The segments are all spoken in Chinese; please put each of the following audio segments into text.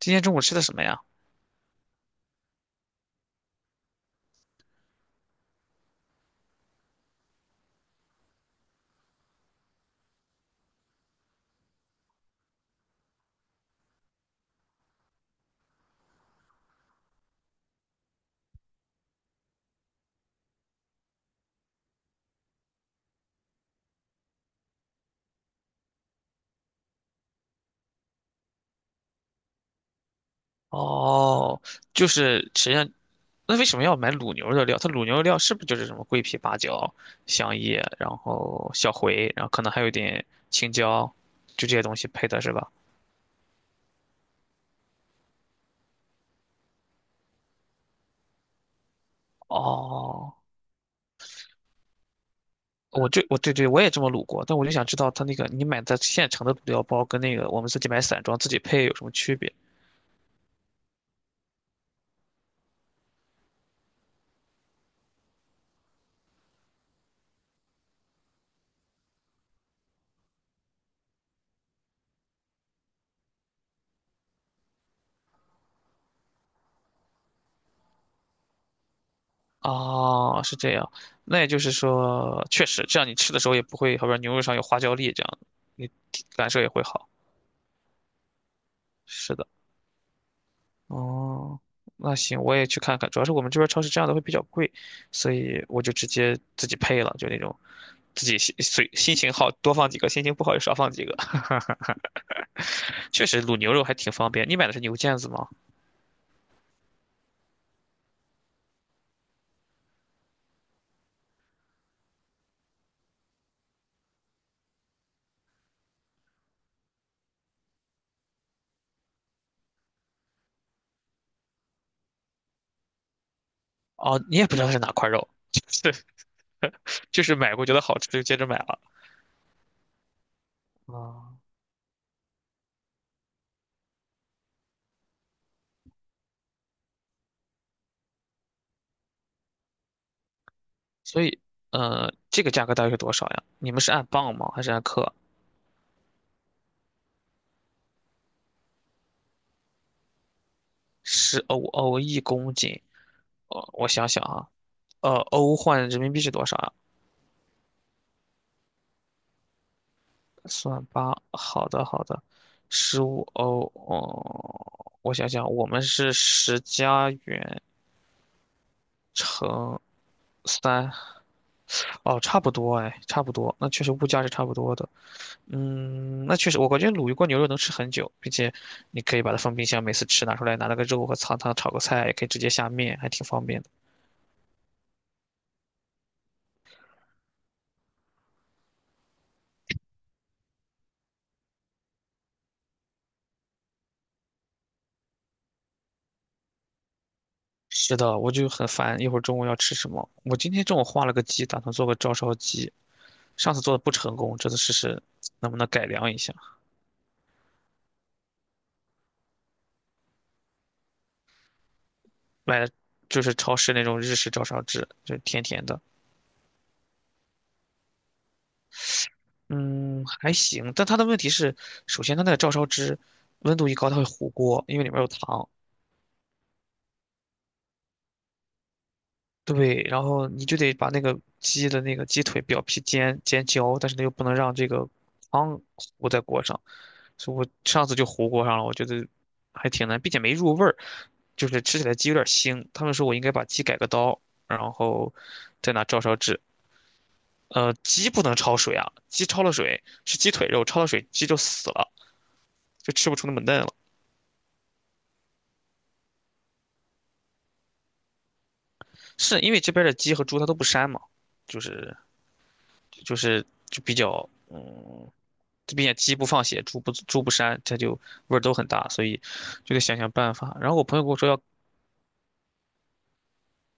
今天中午吃的什么呀？哦，就是实际上，那为什么要买卤牛肉料？它卤牛肉料是不是就是什么桂皮、八角、香叶，然后小茴，然后可能还有一点青椒，就这些东西配的是吧？哦，我对对，我也这么卤过，但我就想知道它那个你买的现成的卤料包跟那个我们自己买散装自己配有什么区别？哦，是这样，那也就是说，确实这样你吃的时候也不会，好比说牛肉上有花椒粒这样，你体感受也会好。是的。哦，那行，我也去看看。主要是我们这边超市这样的会比较贵，所以我就直接自己配了，就那种自己心随心情好多放几个，心情不好就少放几个。确实卤牛肉还挺方便。你买的是牛腱子吗？哦，你也不知道是哪块肉，就是就是买过觉得好吃就接着买了。啊，所以，这个价格大约是多少呀？你们是按磅吗？还是按克？10欧欧1公斤？我想想啊，欧换人民币是多少啊？算八，好的好的，15欧哦，我想想，我们是10加元乘三，哦，差不多哎，差不多，那确实物价是差不多的。嗯，那确实，我感觉卤一锅牛肉能吃很久，并且你可以把它放冰箱，每次吃拿出来，拿那个肉和汤炒个菜，也可以直接下面，还挺方便的。是的，我就很烦，一会儿中午要吃什么？我今天中午画了个鸡，打算做个照烧鸡，上次做的不成功，这次试试能不能改良一下。买的就是超市那种日式照烧汁，就是甜甜的。嗯，还行，但它的问题是，首先它那个照烧汁温度一高，它会糊锅，因为里面有糖。对，然后你就得把那个鸡的那个鸡腿表皮煎煎焦，但是呢又不能让这个汤糊在锅上，所以我上次就糊锅上了，我觉得还挺难，并且没入味儿，就是吃起来鸡有点腥。他们说我应该把鸡改个刀，然后再拿照烧汁鸡不能焯水啊，鸡焯了水是鸡腿肉，焯了水鸡就死了，就吃不出那么嫩了。是因为这边的鸡和猪它都不膻嘛，就是就是就比较嗯，这边鸡不放血，猪不膻，它就味儿都很大，所以就得想想办法。然后我朋友跟我说要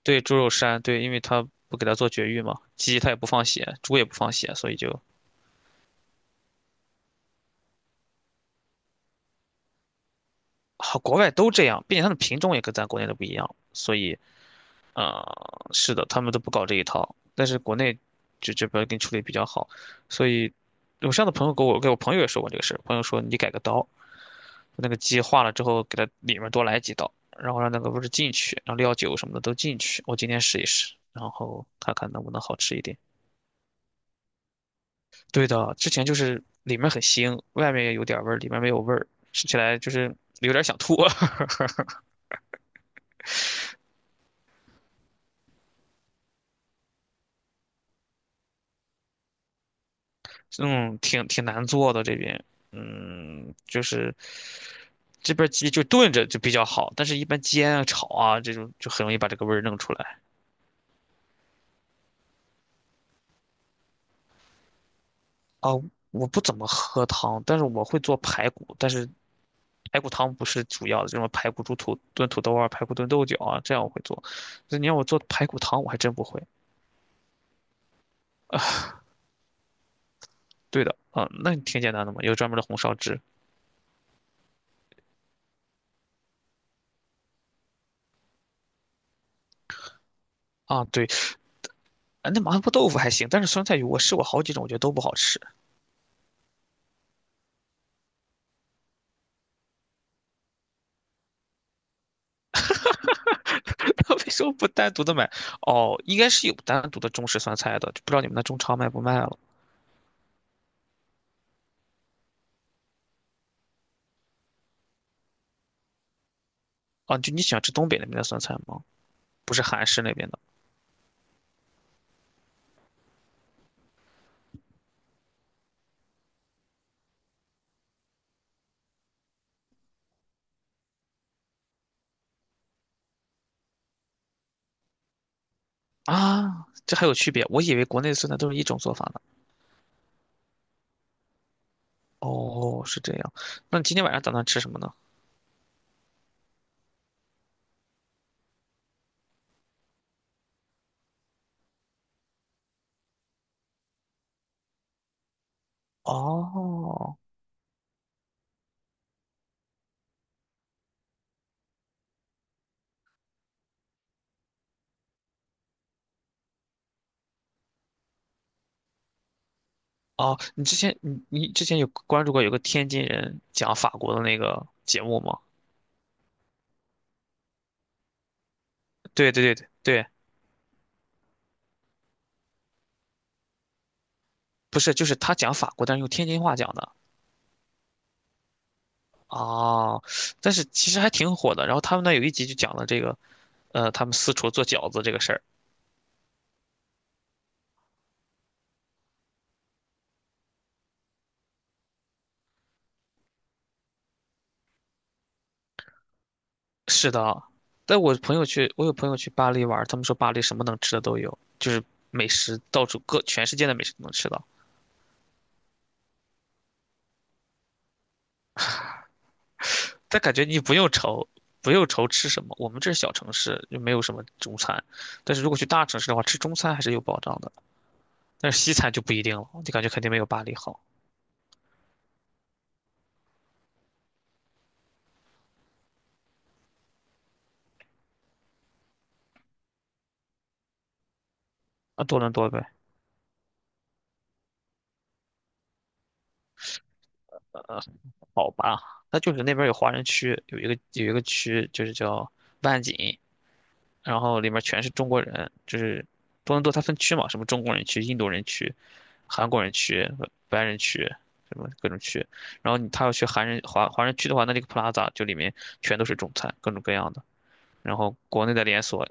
对猪肉膻，对，因为他不给它做绝育嘛，鸡他也不放血，猪也不放血，所以就好，国外都这样，并且它的品种也跟咱国内的不一样，所以啊、是的，他们都不搞这一套，但是国内就这边给你处理比较好，所以我上次朋友给我朋友也说过这个事儿，朋友说你改个刀，那个鸡化了之后给它里面多来几刀，然后让那个味儿进去，让料酒什么的都进去，我今天试一试，然后看看能不能好吃一点。对的，之前就是里面很腥，外面也有点味儿，里面没有味儿，吃起来就是有点想吐。嗯，挺挺难做的这边，就是这边鸡就炖着就比较好，但是一般煎啊、炒啊这种就很容易把这个味儿弄出来。啊，我不怎么喝汤，但是我会做排骨，但是排骨汤不是主要的，这种排骨炖土豆啊、排骨炖豆角啊，这样我会做。那你让我做排骨汤，我还真不会。对的，啊，那挺简单的嘛，有专门的红烧汁啊，对，啊那麻婆豆腐还行，但是酸菜鱼我试过好几种，我觉得都不好吃。为什么不单独的买？哦，应该是有单独的中式酸菜的，就不知道你们那中超卖不卖了。啊，就你喜欢吃东北那边的酸菜吗？不是韩式那边的啊？这还有区别？我以为国内的酸菜都是一种做法呢。哦，是这样。那你今天晚上打算吃什么呢？哦，哦，你之前有关注过有个天津人讲法国的那个节目吗？对对对对对，不是，就是他讲法国，但是用天津话讲的。哦，但是其实还挺火的。然后他们那有一集就讲了这个他们四处做饺子这个事儿。是的，但我朋友去，我有朋友去巴黎玩他们说巴黎什么能吃的都有，就是美食到处各全世界的美食都能吃到。但感觉你不用愁，不用愁吃什么，我们这是小城市，就没有什么中餐。但是如果去大城市的话，吃中餐还是有保障的，但是西餐就不一定了，就感觉肯定没有巴黎好。啊，多伦多呗，呃，好吧，那就是那边有华人区，有一个区就是叫万锦，然后里面全是中国人，就是多伦多它分区嘛，什么中国人区、印度人区、韩国人区、白人区，什么各种区。然后你他要去韩人华华人区的话，那这个 Plaza 就里面全都是中餐，各种各样的。然后国内的连锁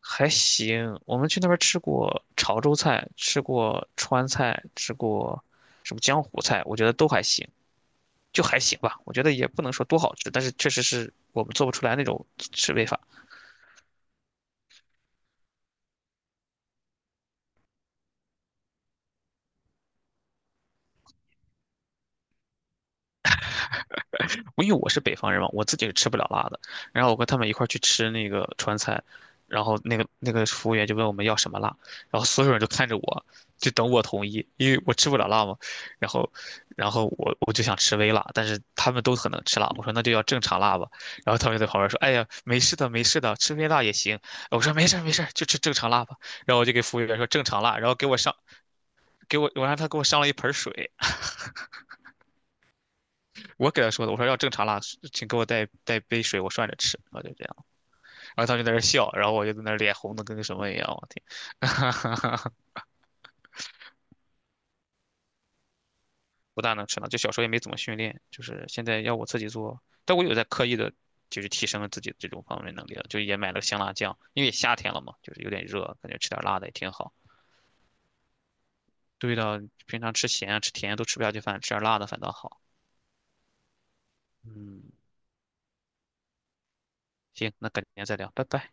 还行，我们去那边吃过潮州菜，吃过川菜，吃过什么江湖菜，我觉得都还行，就还行吧。我觉得也不能说多好吃，但是确实是我们做不出来那种吃味法。因为我是北方人嘛，我自己是吃不了辣的。然后我跟他们一块儿去吃那个川菜，然后那个服务员就问我们要什么辣，然后所有人都看着我，就等我同意，因为我吃不了辣嘛。然后，然后我就想吃微辣，但是他们都很能吃辣，我说那就要正常辣吧。然后他们就在旁边说："哎呀，没事的，没事的，吃微辣也行。"我说："没事儿没事儿，就吃正常辣吧。"然后我就给服务员说正常辣，然后给我上。给我，我让他给我上了一盆水，我给他说的，我说要正常辣，请给我带杯水，我涮着吃，我就这样。然后他们就在那儿笑，然后我就在那儿脸红的跟个什么一样，我天，不大能吃了。就小时候也没怎么训练，就是现在要我自己做，但我有在刻意的，就是提升自己的这种方面能力了，就也买了香辣酱，因为夏天了嘛，就是有点热，感觉吃点辣的也挺好。对的，平常吃咸啊吃甜啊都吃不下去饭，吃点辣的反倒好。嗯，行，那改天再聊，拜拜。